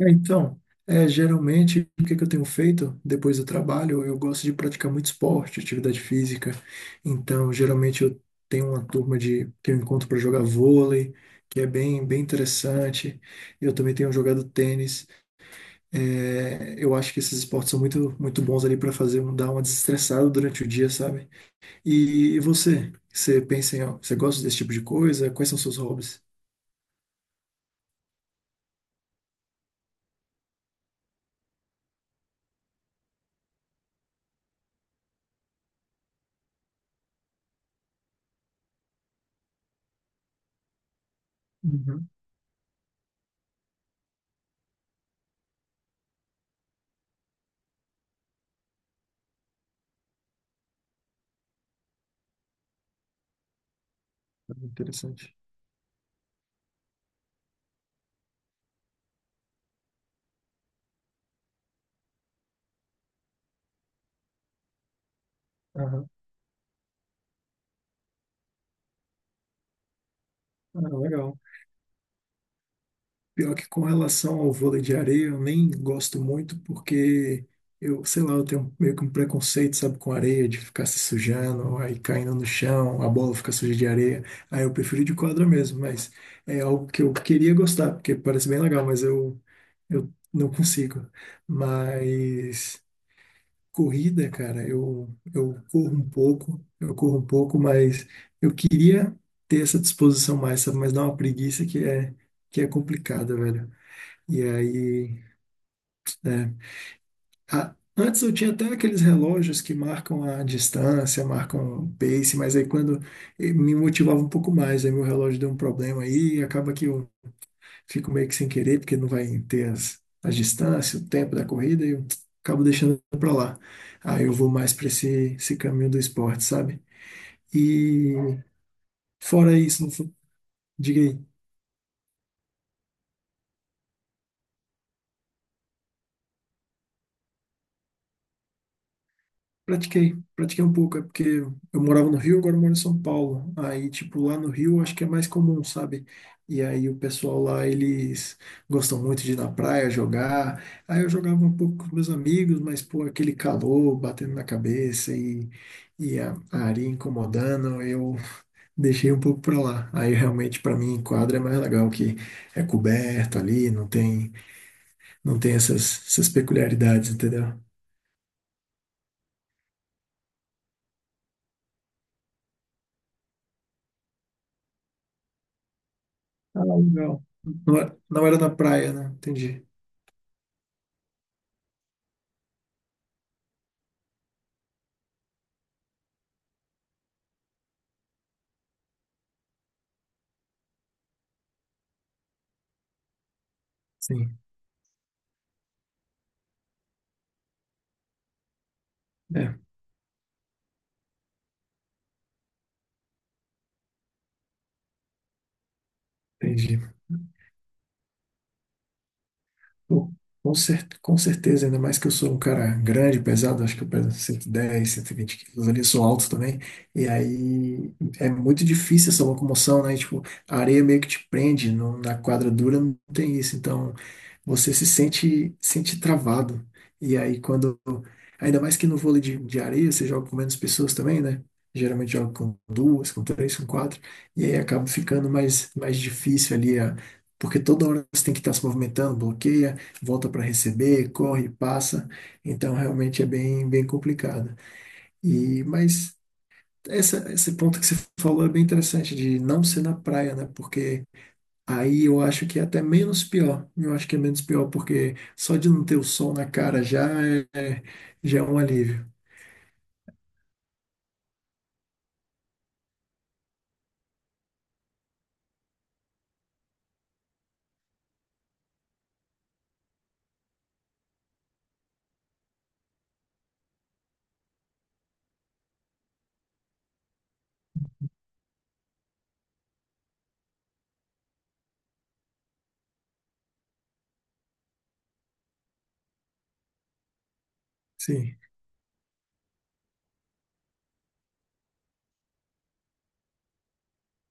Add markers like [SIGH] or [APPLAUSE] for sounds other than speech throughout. É, Então, geralmente, o que é que eu tenho feito depois do trabalho? Eu gosto de praticar muito esporte, atividade física. Então, geralmente, eu tenho uma turma de, que eu encontro para jogar vôlei, que é bem, bem interessante. Eu também tenho jogado tênis. Eu acho que esses esportes são muito, muito bons ali para fazer, dar uma desestressada durante o dia, sabe? E você? Você pensa em, você gosta desse tipo de coisa? Quais são seus hobbies? Uhum, interessante. Aham. Ah, legal. Pior que com relação ao vôlei de areia, eu nem gosto muito porque eu, sei lá, eu tenho meio que um preconceito, sabe, com areia, de ficar se sujando, aí caindo no chão, a bola fica suja de areia. Aí eu prefiro de quadra mesmo, mas é algo que eu queria gostar, porque parece bem legal, mas eu não consigo. Mas corrida, cara, eu corro um pouco, eu corro um pouco, mas eu queria ter essa disposição mais, sabe, mas dá uma preguiça que é complicada, velho. E aí, é, antes eu tinha até aqueles relógios que marcam a distância, marcam o pace, mas aí quando me motivava um pouco mais, aí meu relógio deu um problema aí, e acaba que eu fico meio que sem querer, porque não vai ter as distâncias, o tempo da corrida, e eu acabo deixando pra lá. Aí eu vou mais pra esse caminho do esporte, sabe? E fora isso, não fu- diga aí. Pratiquei, pratiquei um pouco, é porque eu morava no Rio, agora eu moro em São Paulo. Aí, tipo, lá no Rio acho que é mais comum, sabe? E aí o pessoal lá, eles gostam muito de ir na praia jogar. Aí eu jogava um pouco com meus amigos, mas, pô, aquele calor batendo na cabeça e a areia incomodando, eu [LAUGHS] deixei um pouco pra lá. Aí realmente, pra mim, quadra é mais legal, que é coberto ali, não tem, não tem essas peculiaridades, entendeu? Ah, legal. Não, não era na praia, né? Entendi. Sim, é, entendi. Pô, com certeza, ainda mais que eu sou um cara grande, pesado, acho que eu peso cento e dez, 120 quilos ali, sou alto também. E aí é muito difícil essa locomoção, né? Tipo, a areia meio que te prende, na quadra dura não tem isso. Então, você se sente travado. E aí quando ainda mais que no vôlei de areia, você joga com menos pessoas também, né? Geralmente joga com duas, com três, com quatro, e aí acaba ficando mais difícil ali a Porque toda hora você tem que estar se movimentando, bloqueia, volta para receber, corre, passa. Então, realmente é bem, bem complicado. E, mas esse ponto que você falou é bem interessante, de não ser na praia, né? Porque Aí eu acho que é até menos pior. Eu acho que é menos pior, porque só de não ter o sol na cara já já é um alívio. Sim,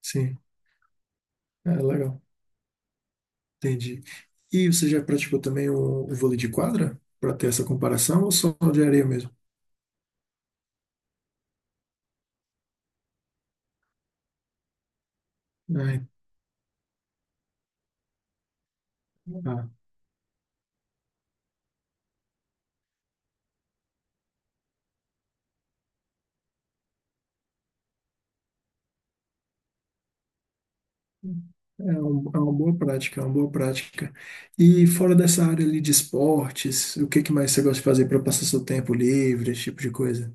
sim. É legal. Entendi. E você já praticou também o vôlei de quadra? Para ter essa comparação ou só de areia mesmo? Ah, tá. É, é uma boa prática, é uma boa prática. E fora dessa área ali de esportes, o que que mais você gosta de fazer para passar seu tempo livre, esse tipo de coisa?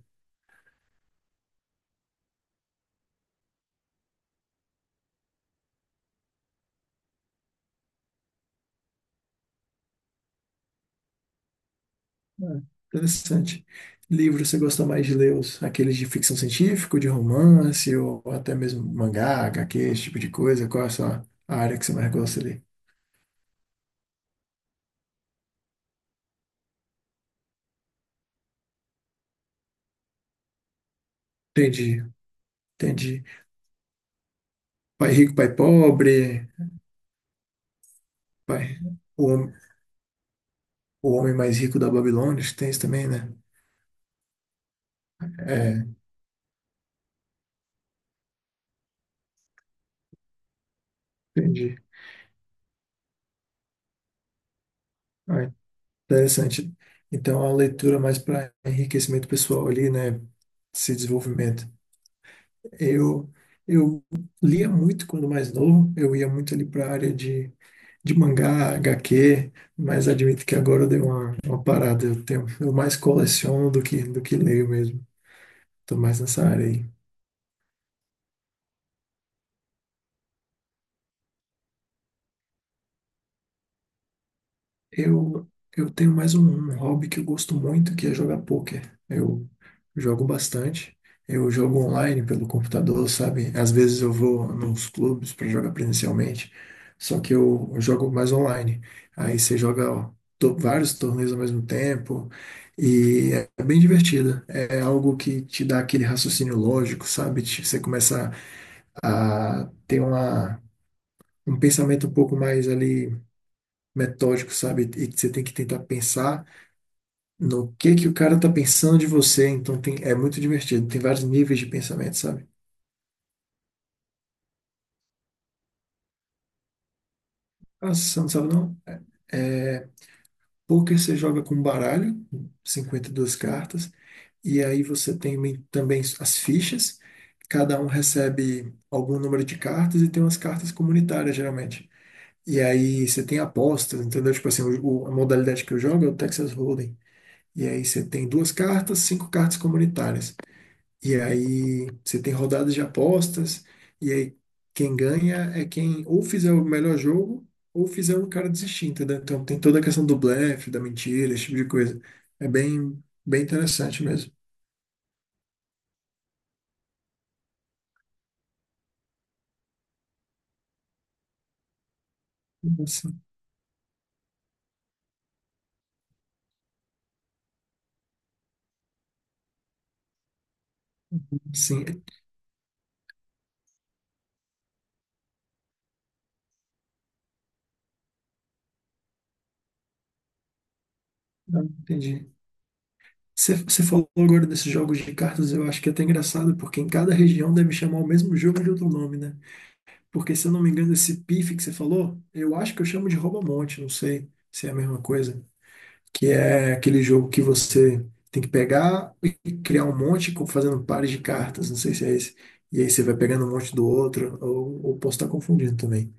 Ah, interessante. Livros, você gosta mais de ler os, aqueles de ficção científica, de romance, ou até mesmo mangá, HQ, esse tipo de coisa? Qual é a sua área que você mais gosta de ler? Entendi, entendi. Pai rico, pai pobre, pai, o, o homem mais rico da Babilônia, acho que tem isso também, né? É, entendi. Ah, interessante. Então, a leitura mais para enriquecimento pessoal ali, né? Esse desenvolvimento. Eu, eu lia muito quando mais novo, eu ia muito ali para a área de mangá, HQ, mas admito que agora eu dei uma parada. Eu mais coleciono do que leio mesmo. Estou mais nessa área aí. Eu, eu tenho mais um hobby que eu gosto muito, que é jogar pôquer. Eu jogo bastante. Eu jogo online pelo computador, sabe? Às vezes eu vou nos clubes para jogar presencialmente, só que eu jogo mais online. Aí você joga ó, vários torneios ao mesmo tempo e é bem divertido. É algo que te dá aquele raciocínio lógico, sabe? Você começa a ter um pensamento um pouco mais ali metódico, sabe? E você tem que tentar pensar no que o cara tá pensando de você. Então tem, é muito divertido. Tem vários níveis de pensamento, sabe? Ah, você não sabe não? É, é, poker você joga com baralho, 52 cartas, e aí você tem também as fichas. Cada um recebe algum número de cartas e tem umas cartas comunitárias, geralmente. E aí você tem apostas, entendeu? Tipo assim, a modalidade que eu jogo é o Texas Hold'em. E aí você tem duas cartas, cinco cartas comunitárias. E aí você tem rodadas de apostas, e aí quem ganha é quem ou fizer o melhor jogo ou fizer o cara desistir, entendeu? Então tem toda a questão do blefe, da mentira, esse tipo de coisa. É bem, bem interessante mesmo. Sim, sim. Ah, entendi. Você falou agora desses jogos de cartas, eu acho que é até engraçado, porque em cada região deve chamar o mesmo jogo de outro nome, né? Porque se eu não me engano, esse pife que você falou, eu acho que eu chamo de rouba-monte, não sei se é a mesma coisa, que é aquele jogo que você tem que pegar e criar um monte, fazendo pares de cartas, não sei se é esse. E aí você vai pegando um monte do outro, ou posso estar confundindo também.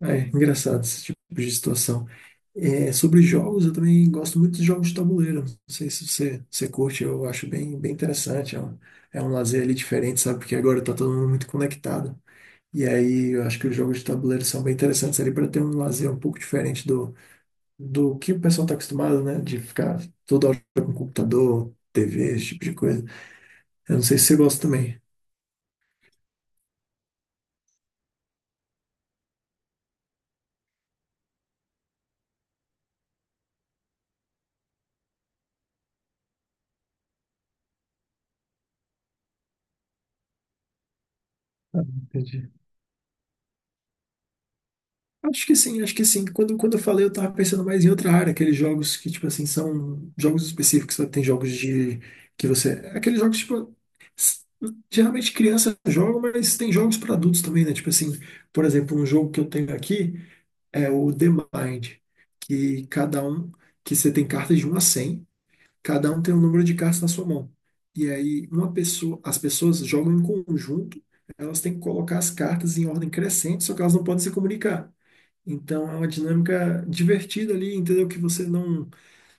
É engraçado esse tipo de situação. É, sobre jogos, eu também gosto muito de jogos de tabuleiro. Não sei se você, você curte, eu acho bem, bem interessante. É um lazer ali diferente, sabe? Porque agora tá todo mundo muito conectado. E aí eu acho que os jogos de tabuleiro são bem interessantes ali para ter um lazer um pouco diferente do que o pessoal está acostumado, né? De ficar toda hora com computador, TV, esse tipo de coisa. Eu não sei se você gosta também. Ah, entendi. Acho que sim, acho que sim. Quando eu falei, eu tava pensando mais em outra área, aqueles jogos que, tipo assim, são jogos específicos, sabe? Tem jogos de que você. Aqueles jogos, tipo. s- Geralmente criança joga, mas tem jogos para adultos também, né? Tipo assim, por exemplo, um jogo que eu tenho aqui é o The Mind, que cada um, que você tem cartas de 1 a 100, cada um tem um número de cartas na sua mão. E aí, uma pessoa, as pessoas jogam em conjunto, elas têm que colocar as cartas em ordem crescente, só que elas não podem se comunicar. Então, é uma dinâmica divertida ali, entendeu? Que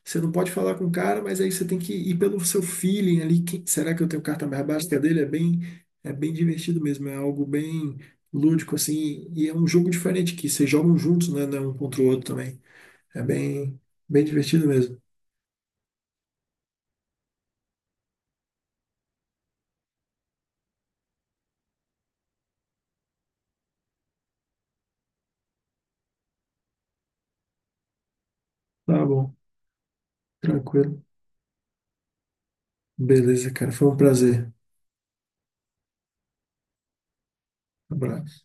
você não pode falar com o cara, mas aí você tem que ir pelo seu feeling ali. Será que eu tenho carta mais baixa que a dele? É bem divertido mesmo, é algo bem lúdico, assim. E é um jogo diferente, que vocês jogam juntos, né? Não é um contra o outro também. É bem, bem divertido mesmo. Tá bom, tranquilo. Beleza, cara. Foi um prazer. Um abraço.